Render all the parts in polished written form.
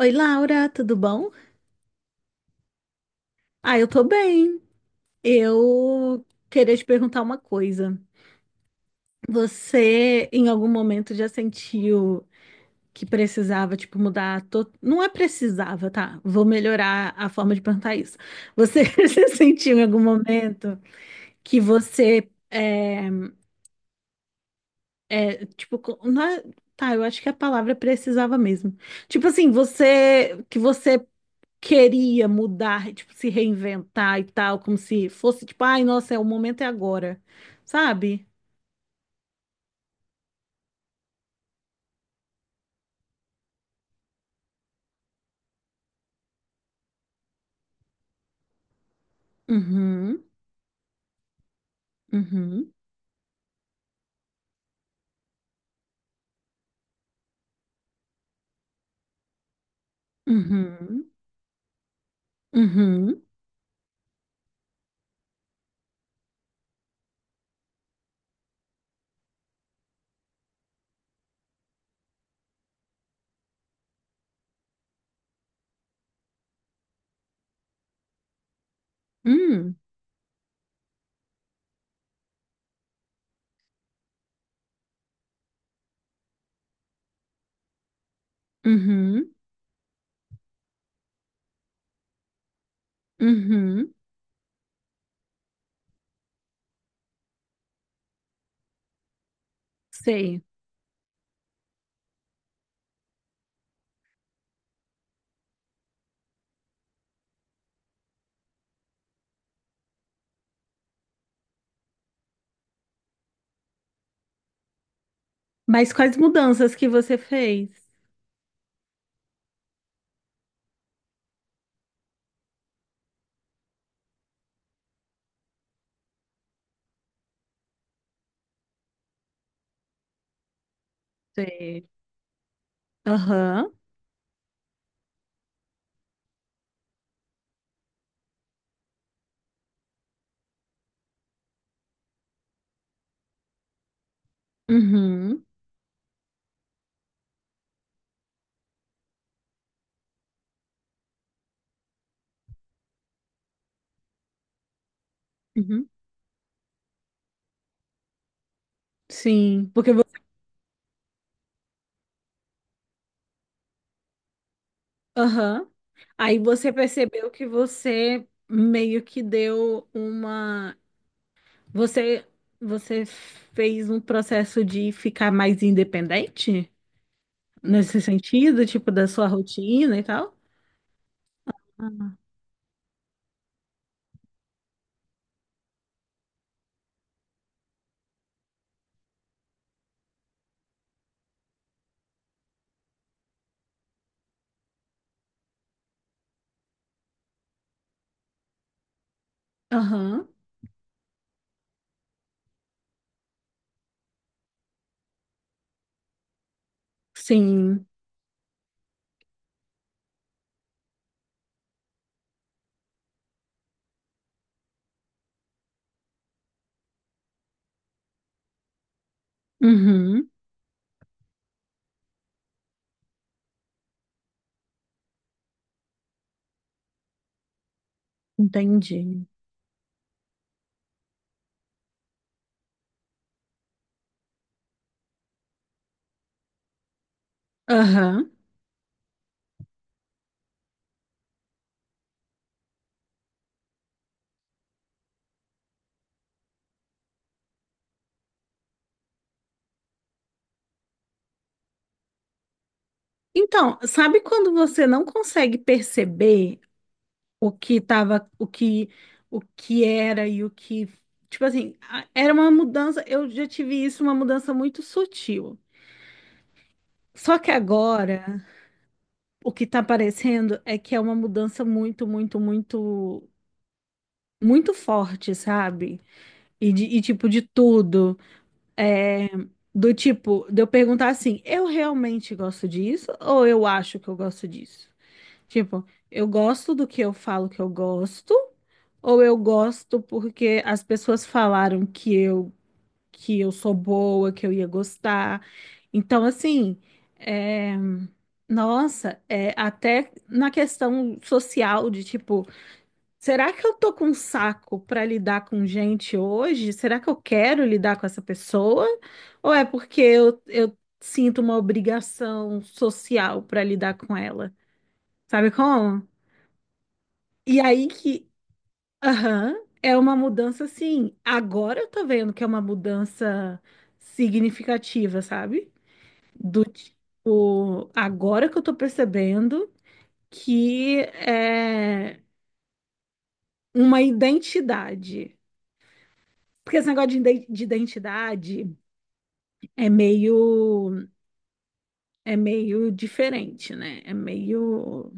Oi, Laura, tudo bom? Ah, eu tô bem. Eu queria te perguntar uma coisa. Você, em algum momento, já sentiu que precisava, tipo, mudar? Não é precisava, tá? Vou melhorar a forma de perguntar isso. Você se sentiu em algum momento que você, tipo, co- não é- tá, eu acho que a palavra é precisava mesmo. Tipo assim, que você queria mudar, tipo, se reinventar e tal, como se fosse, tipo, ai, nossa, é o momento é agora, sabe? Uhum, uhum, uhum, uhum, uhum, uhum, uhum, sei. Mas quais mudanças que você fez? Sei. Aham, uhum, uhum, sim, porque você, aham. Aí você percebeu que você meio que deu uma. Você, você fez um processo de ficar mais independente nesse sentido, tipo, da sua rotina e tal? Aham, sim. Uhum, entendi. Aham. Então, sabe quando você não consegue perceber o que tava, o que era e o que, tipo assim, era uma mudança, eu já tive isso, uma mudança muito sutil. Só que agora o que tá parecendo é que é uma mudança muito, muito, muito, muito forte, sabe? E, de, e tipo, de tudo. É, do tipo, de eu perguntar assim, eu realmente gosto disso ou eu acho que eu gosto disso? Tipo, eu gosto do que eu falo que eu gosto ou eu gosto porque as pessoas falaram que eu sou boa, que eu ia gostar. Então, assim, é, nossa, é, até na questão social de tipo, será que eu tô com um saco para lidar com gente hoje? Será que eu quero lidar com essa pessoa? Ou é porque eu sinto uma obrigação social para lidar com ela? Sabe como? E aí que. Aham, é uma mudança, sim. Agora eu tô vendo que é uma mudança significativa, sabe? Do tipo, agora que eu tô percebendo que é uma identidade. Porque esse negócio de de identidade é meio, é meio diferente, né? É meio.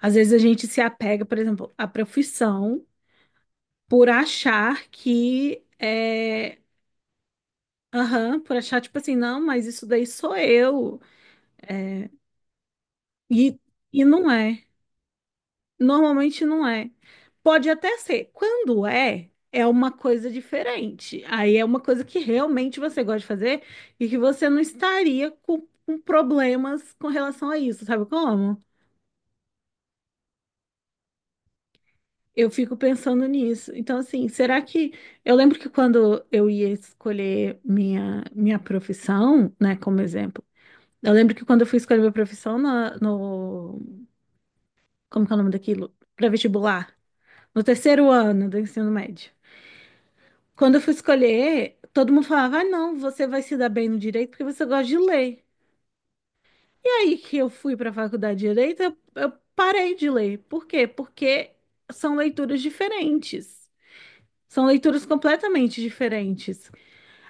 Às vezes a gente se apega, por exemplo, à profissão por achar que. É aham, por achar, tipo assim, não, mas isso daí sou eu. E, e não é. Normalmente não é. Pode até ser. Quando é, é uma coisa diferente. Aí é uma coisa que realmente você gosta de fazer e que você não estaria com problemas com relação a isso, sabe como? Eu fico pensando nisso. Então, assim, será que. Eu lembro que quando eu ia escolher minha profissão, né, como exemplo. Eu lembro que quando eu fui escolher minha profissão no, como que é o nome daquilo? Para vestibular, no terceiro ano do ensino médio. Quando eu fui escolher, todo mundo falava: ah, não, você vai se dar bem no direito porque você gosta de ler. E aí que eu fui para a faculdade de direito, eu parei de ler. Por quê? Porque são leituras diferentes. São leituras completamente diferentes.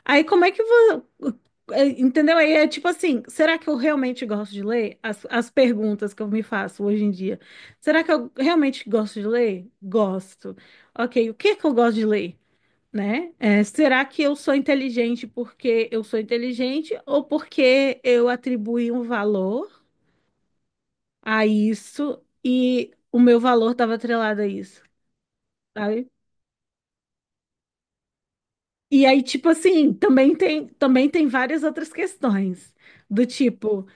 Aí como é que você. Entendeu? Aí é tipo assim, será que eu realmente gosto de ler? As perguntas que eu me faço hoje em dia. Será que eu realmente gosto de ler? Gosto. Ok, o que é que eu gosto de ler? Né? É, será que eu sou inteligente porque eu sou inteligente ou porque eu atribuí um valor a isso e o meu valor estava atrelado a isso, sabe? E aí, tipo assim, também tem várias outras questões, do tipo.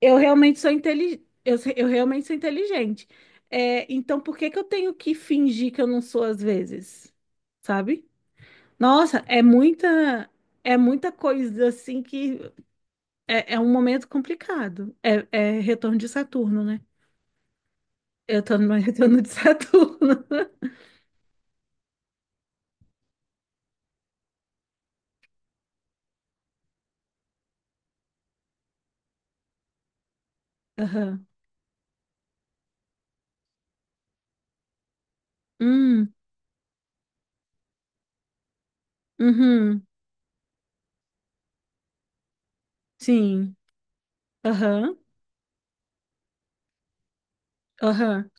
Eu realmente sou inteligente. Eu, eu realmente sou inteligente. É, então, por que que eu tenho que fingir que eu não sou às vezes? Sabe? Nossa, é muita coisa assim que é, é um momento complicado. É, é retorno de Saturno, né? Eu tô no meu retorno de Saturno. Aham. Hum, uhum, sim. Aham, aham.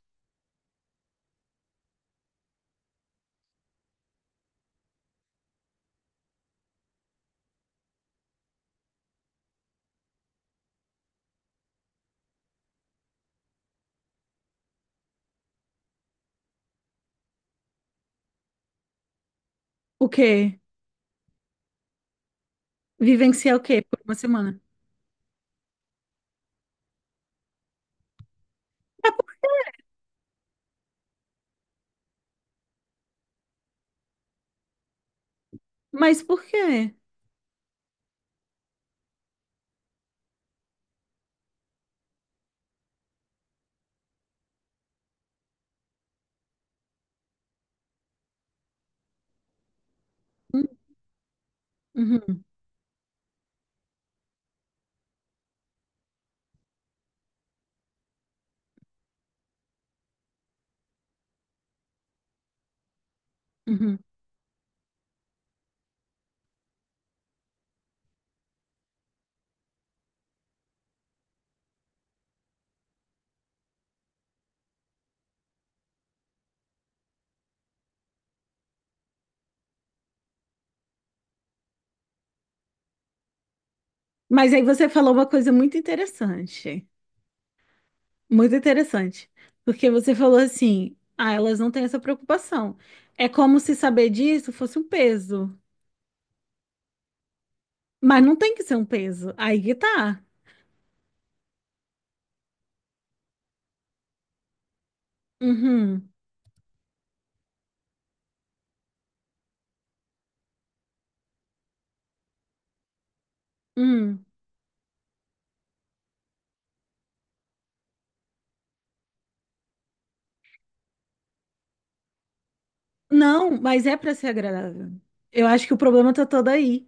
O quê? Vivenciar o quê? Por uma semana. Mas por quê? Hum, Uhum, uhum. Mas aí você falou uma coisa muito interessante, porque você falou assim, ah, elas não têm essa preocupação. É como se saber disso fosse um peso, mas não tem que ser um peso. Aí que tá. Uhum, uhum. Não, mas é pra ser agradável. Eu acho que o problema tá todo aí.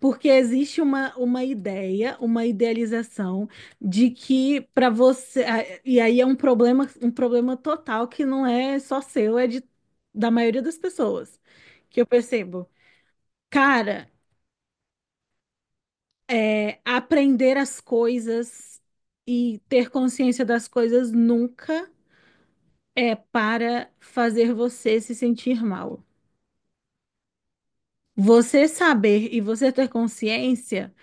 Porque existe uma ideia, uma idealização de que para você. Ah, e aí é um problema total que não é só seu, é de, da maioria das pessoas. Que eu percebo. Cara, é, aprender as coisas e ter consciência das coisas nunca é para fazer você se sentir mal. Você saber e você ter consciência.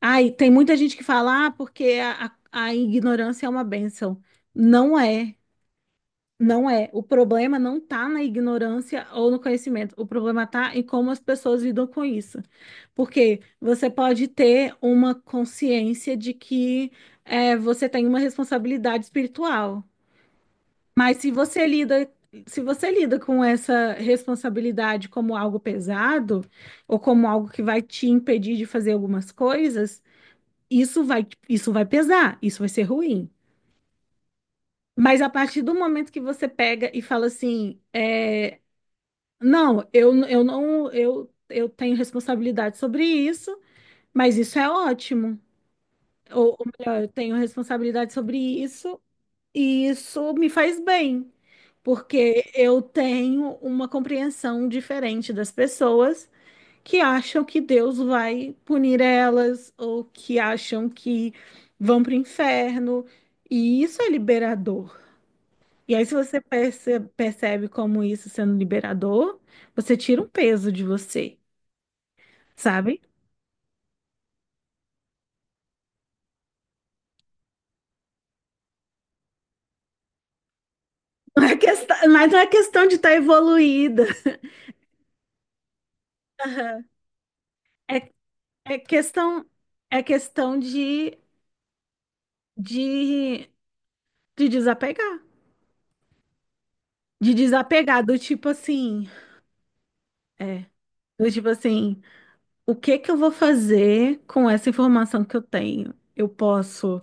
Ai, tem muita gente que fala, ah, porque a ignorância é uma bênção. Não é, não é. O problema não tá na ignorância ou no conhecimento. O problema tá em como as pessoas lidam com isso. Porque você pode ter uma consciência de que é, você tem uma responsabilidade espiritual. Mas se você lida com essa responsabilidade como algo pesado, ou como algo que vai te impedir de fazer algumas coisas. Isso vai pesar, isso vai ser ruim. Mas a partir do momento que você pega e fala assim, é, não, eu tenho responsabilidade sobre isso, mas isso é ótimo. Ou melhor, eu tenho responsabilidade sobre isso e isso me faz bem, porque eu tenho uma compreensão diferente das pessoas que acham que Deus vai punir elas ou que acham que vão para o inferno. E isso é liberador. E aí, se você percebe como isso sendo liberador, você tira um peso de você, sabe? Mas não é questão de estar evoluída. Aham. É, é questão, é questão de, de, de desapegar. De desapegar do tipo assim. É, do tipo assim. O que que eu vou fazer com essa informação que eu tenho? Eu posso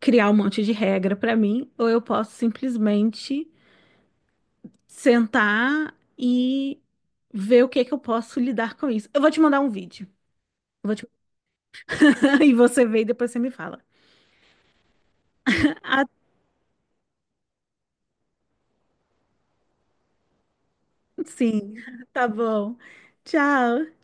criar um monte de regra para mim, ou eu posso simplesmente sentar e ver o que que eu posso lidar com isso. Eu vou te mandar um vídeo. Eu vou te- e você vê e depois você me fala. Ah, sim, tá bom. Tchau.